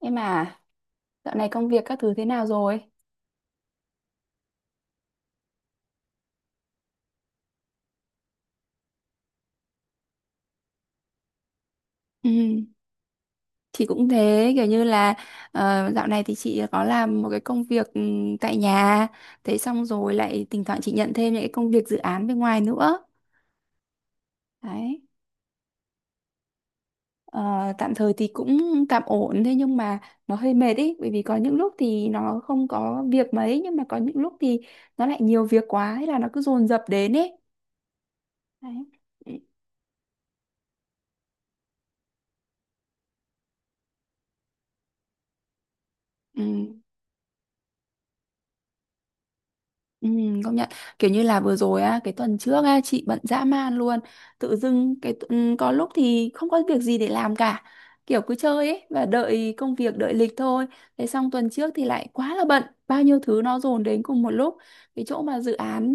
Em à, dạo này công việc các thứ thế nào rồi? Ừ, chị cũng thế, kiểu như là dạo này thì chị có làm một cái công việc, tại nhà. Thế xong rồi lại thỉnh thoảng chị nhận thêm những cái công việc dự án bên ngoài nữa. Đấy. Ờ, tạm thời thì cũng tạm ổn, thế nhưng mà nó hơi mệt ý, bởi vì có những lúc thì nó không có việc mấy, nhưng mà có những lúc thì nó lại nhiều việc quá, hay là nó cứ dồn dập đến ấy. Đấy. Ừ. Ừ, công nhận, kiểu như là vừa rồi á, cái tuần trước á, chị bận dã man luôn. Tự dưng có lúc thì không có việc gì để làm cả, kiểu cứ chơi ấy và đợi công việc, đợi lịch thôi. Thế xong tuần trước thì lại quá là bận, bao nhiêu thứ nó dồn đến cùng một lúc. Cái chỗ mà dự án.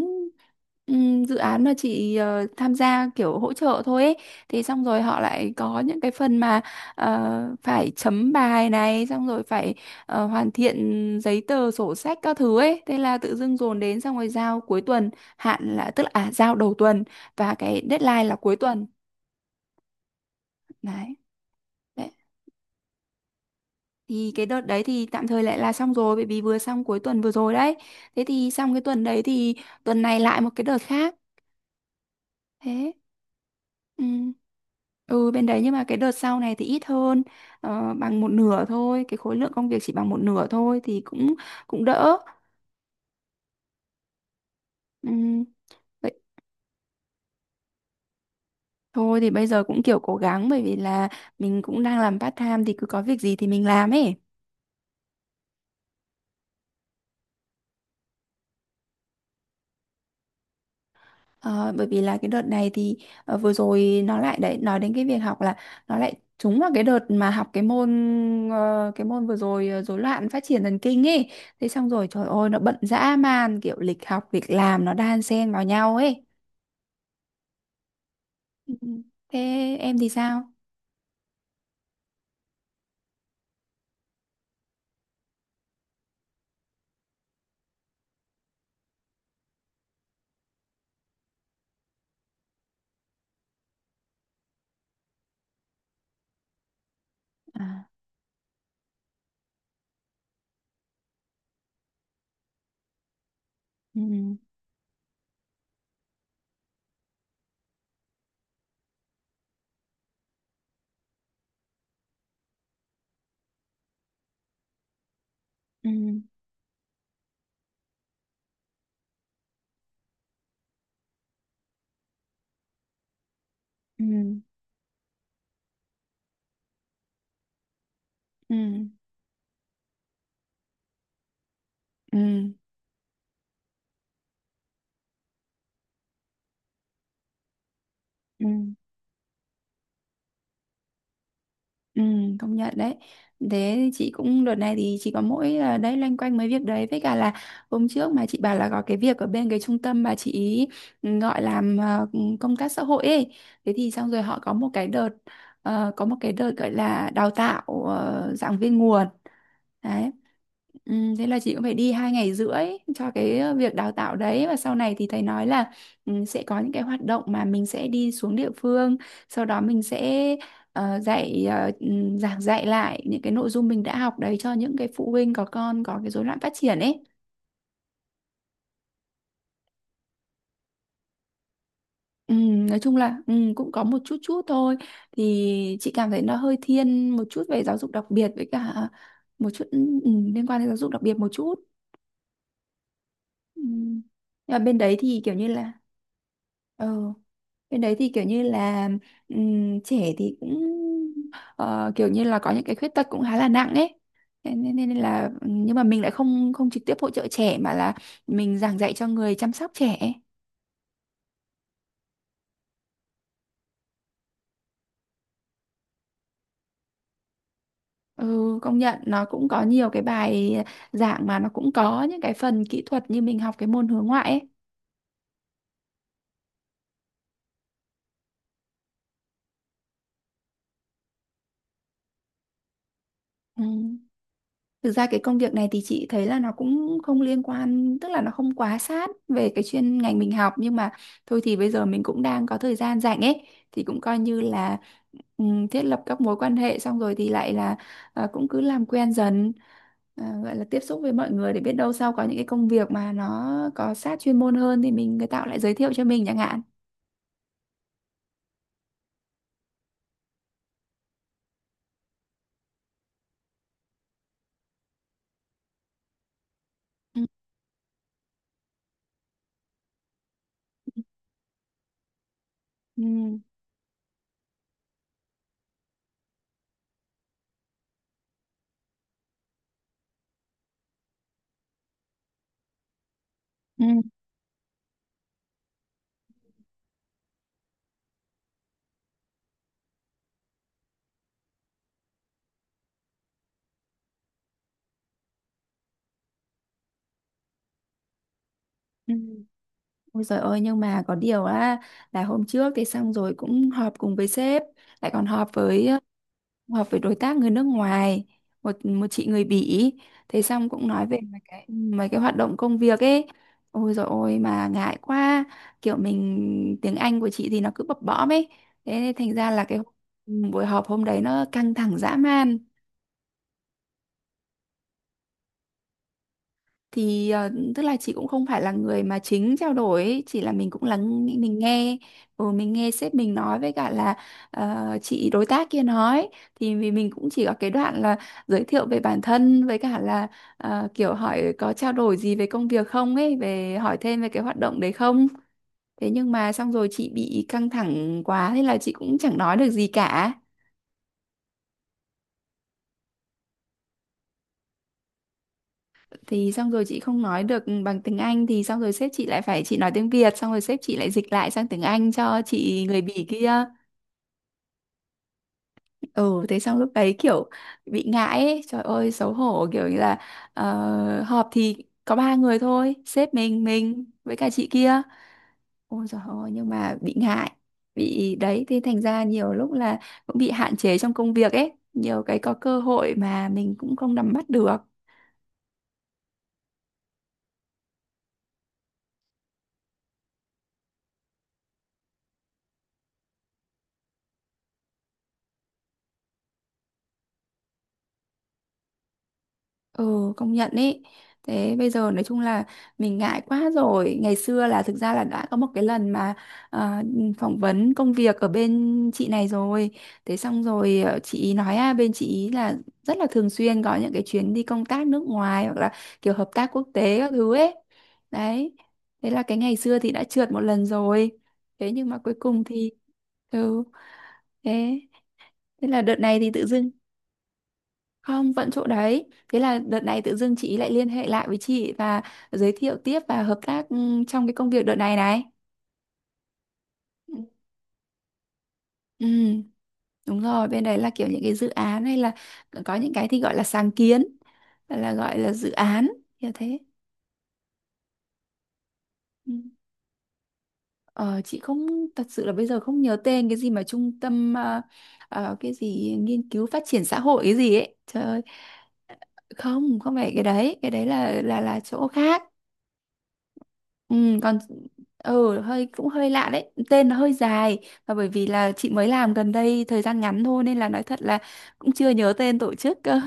Dự án mà chị tham gia kiểu hỗ trợ thôi ấy, thì xong rồi họ lại có những cái phần mà phải chấm bài này, xong rồi phải hoàn thiện giấy tờ sổ sách các thứ ấy. Thế là tự dưng dồn đến, xong rồi giao cuối tuần, hạn là tức là à, giao đầu tuần và cái deadline là cuối tuần đấy. Đấy. Thì cái đợt đấy thì tạm thời lại là xong rồi, bởi vì vừa xong cuối tuần vừa rồi đấy. Thế thì xong cái tuần đấy thì tuần này lại một cái đợt khác, thế. Ừ. Ừ, bên đấy, nhưng mà cái đợt sau này thì ít hơn, bằng một nửa thôi, cái khối lượng công việc chỉ bằng một nửa thôi, thì cũng cũng đỡ. Ừ. Vậy thôi thì bây giờ cũng kiểu cố gắng, bởi vì là mình cũng đang làm part time thì cứ có việc gì thì mình làm ấy. Ờ, bởi vì là cái đợt này thì vừa rồi nó lại đấy, nói đến cái việc học là nó lại trúng vào cái đợt mà học cái môn, vừa rồi rối loạn phát triển thần kinh ấy. Thế xong rồi trời ơi, nó bận dã man, kiểu lịch học việc làm nó đan xen vào nhau ấy. Ừ. Thế em thì sao? À. Ừ. Ừ. Ừ. Ừ. Ừ. Ừ. Ừ, công nhận đấy. Thế thì chị cũng đợt này thì chị có mỗi là đấy, loanh quanh mấy việc đấy với cả là hôm trước mà chị bảo là có cái việc ở bên cái trung tâm mà chị ý gọi làm công tác xã hội ấy. Thế thì xong rồi họ có một cái đợt gọi là đào tạo giảng viên nguồn. Đấy. Ừ, thế là chị cũng phải đi 2 ngày rưỡi cho cái việc đào tạo đấy. Và sau này thì thầy nói là sẽ có những cái hoạt động mà mình sẽ đi xuống địa phương, sau đó mình sẽ ờ, dạy ờ, ừ, giảng dạy lại những cái nội dung mình đã học đấy cho những cái phụ huynh có con có cái rối loạn phát triển ấy. ừ, nói chung là cũng có một chút chút thôi, thì chị cảm thấy nó hơi thiên một chút về giáo dục đặc biệt với cả một chút, liên quan đến giáo dục đặc biệt một chút. Ừ. Nhưng mà bên đấy thì kiểu như là. Ừ. Cái đấy thì kiểu như là trẻ thì cũng kiểu như là có những cái khuyết tật cũng khá là nặng ấy. Thế nên là nhưng mà mình lại không không trực tiếp hỗ trợ trẻ mà là mình giảng dạy cho người chăm sóc trẻ. Ừ, công nhận nó cũng có nhiều cái bài giảng mà nó cũng có những cái phần kỹ thuật như mình học cái môn hướng ngoại ấy. Ừ. Thực ra cái công việc này thì chị thấy là nó cũng không liên quan, tức là nó không quá sát về cái chuyên ngành mình học, nhưng mà thôi thì bây giờ mình cũng đang có thời gian rảnh ấy, thì cũng coi như là thiết lập các mối quan hệ. Xong rồi thì lại là cũng cứ làm quen dần, à, gọi là tiếp xúc với mọi người để biết đâu sau có những cái công việc mà nó có sát chuyên môn hơn thì mình người ta cũng lại giới thiệu cho mình chẳng hạn. Ừ. Ừ. Ừ. Ừ. Ôi giời ơi, nhưng mà có điều á là hôm trước thì xong rồi cũng họp cùng với sếp, lại còn họp với đối tác người nước ngoài, một một chị người Bỉ. Thế xong cũng nói về mấy cái hoạt động công việc ấy. Ôi giời ôi mà ngại quá, kiểu mình tiếng Anh của chị thì nó cứ bập bõm ấy, thế nên thành ra là cái buổi họp hôm đấy nó căng thẳng dã man. Thì tức là chị cũng không phải là người mà chính trao đổi ấy, chỉ là mình cũng lắng mình nghe, mình nghe sếp mình nói với cả là chị đối tác kia nói. Thì vì mình cũng chỉ có cái đoạn là giới thiệu về bản thân với cả là kiểu hỏi có trao đổi gì về công việc không ấy, về hỏi thêm về cái hoạt động đấy không. Thế nhưng mà xong rồi chị bị căng thẳng quá, thế là chị cũng chẳng nói được gì cả. Thì xong rồi chị không nói được bằng tiếng Anh, thì xong rồi sếp chị lại phải, chị nói tiếng Việt xong rồi sếp chị lại dịch lại sang tiếng Anh cho chị người Bỉ kia. Ừ Thế xong lúc đấy kiểu bị ngại ấy. Trời ơi xấu hổ, kiểu như là họp thì có ba người thôi, sếp mình với cả chị kia. Ôi trời ơi nhưng mà bị ngại, bị đấy. Thế thành ra nhiều lúc là cũng bị hạn chế trong công việc ấy, nhiều cái có cơ hội mà mình cũng không nắm bắt được. Ừ, công nhận ý. Thế bây giờ nói chung là mình ngại quá rồi. Ngày xưa là thực ra là đã có một cái lần mà à, phỏng vấn công việc ở bên chị này rồi. Thế xong rồi chị ý nói à, bên chị ý là rất là thường xuyên có những cái chuyến đi công tác nước ngoài hoặc là kiểu hợp tác quốc tế các thứ ấy. Đấy. Thế là cái ngày xưa thì đã trượt một lần rồi. Thế nhưng mà cuối cùng thì ừ thế thế là đợt này thì tự dưng. Không, vẫn chỗ đấy. Thế là đợt này tự dưng chị lại liên hệ lại với chị và giới thiệu tiếp và hợp tác, trong cái công việc đợt này này. Ừ. Ừ, đúng rồi, bên đấy là kiểu những cái dự án hay là có những cái thì gọi là sáng kiến, là gọi là dự án, như thế. Ừ. Ờ, chị không thật sự là bây giờ không nhớ tên, cái gì mà trung tâm cái gì nghiên cứu phát triển xã hội cái gì ấy. Trời ơi, không, không phải cái đấy là chỗ khác. Ừ, còn hơi cũng hơi lạ đấy, tên nó hơi dài, và bởi vì là chị mới làm gần đây thời gian ngắn thôi nên là nói thật là cũng chưa nhớ tên tổ chức cơ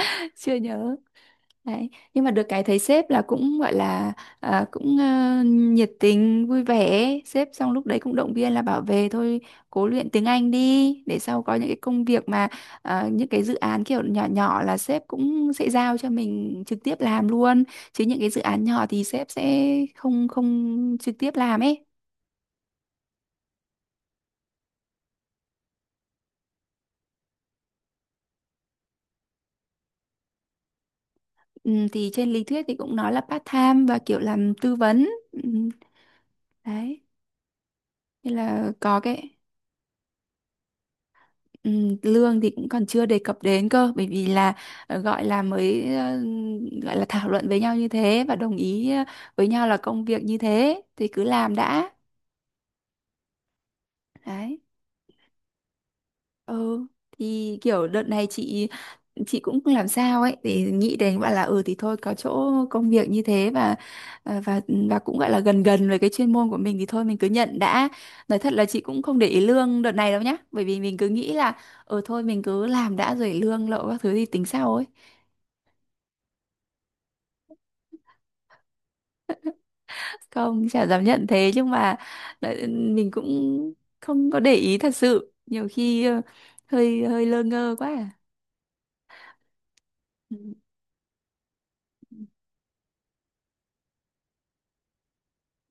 chưa nhớ. Đấy. Nhưng mà được cái thấy sếp là cũng gọi là à, cũng nhiệt tình vui vẻ. Sếp xong lúc đấy cũng động viên là bảo về thôi, cố luyện tiếng Anh đi để sau có những cái công việc mà những cái dự án kiểu nhỏ nhỏ là sếp cũng sẽ giao cho mình trực tiếp làm luôn, chứ những cái dự án nhỏ thì sếp sẽ không không trực tiếp làm ấy. Ừ, thì trên lý thuyết thì cũng nói là part time và kiểu làm tư vấn, đấy, nên là có cái. Ừ, lương thì cũng còn chưa đề cập đến cơ, bởi vì là gọi là mới, gọi là thảo luận với nhau như thế và đồng ý với nhau là công việc như thế thì cứ làm đã. Đấy. Ừ, thì kiểu đợt này chị cũng không làm sao ấy để nghĩ đến, gọi là ừ thì thôi, có chỗ công việc như thế, và à, và cũng gọi là gần gần với cái chuyên môn của mình thì thôi mình cứ nhận đã. Nói thật là chị cũng không để ý lương đợt này đâu nhá, bởi vì mình cứ nghĩ là ừ thôi mình cứ làm đã, rồi lương lậu các thứ thì tính sau ấy. Không, chả dám nhận, thế nhưng mà mình cũng không có để ý thật sự, nhiều khi hơi hơi lơ ngơ quá à. Ừ.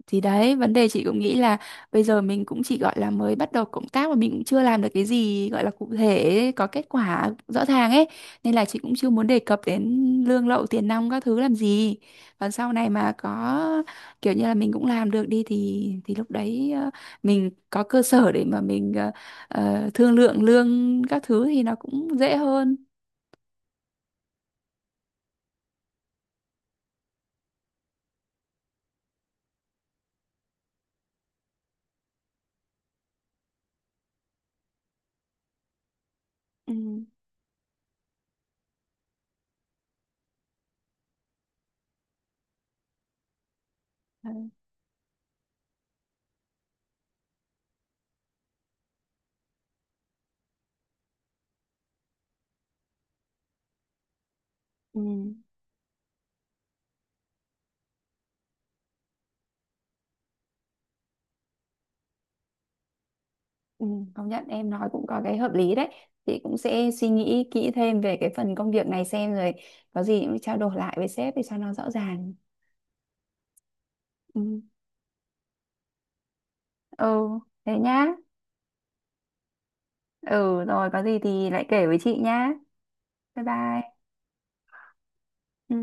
Thì đấy, vấn đề chị cũng nghĩ là bây giờ mình cũng chỉ gọi là mới bắt đầu cộng tác và mình cũng chưa làm được cái gì gọi là cụ thể, có kết quả rõ ràng ấy. Nên là chị cũng chưa muốn đề cập đến lương lậu, tiền nong các thứ làm gì. Còn sau này mà có kiểu như là mình cũng làm được đi thì lúc đấy mình có cơ sở để mà mình thương lượng lương các thứ thì nó cũng dễ hơn. Ừ. Ừ. Ừ, công nhận em nói cũng có cái hợp lý đấy, chị cũng sẽ suy nghĩ kỹ thêm về cái phần công việc này xem rồi có gì cũng trao đổi lại với sếp để cho nó rõ ràng. Ừ, ừ, thế nhá. Ừ, rồi có gì thì lại kể với chị nhá, bye bye. Ừ.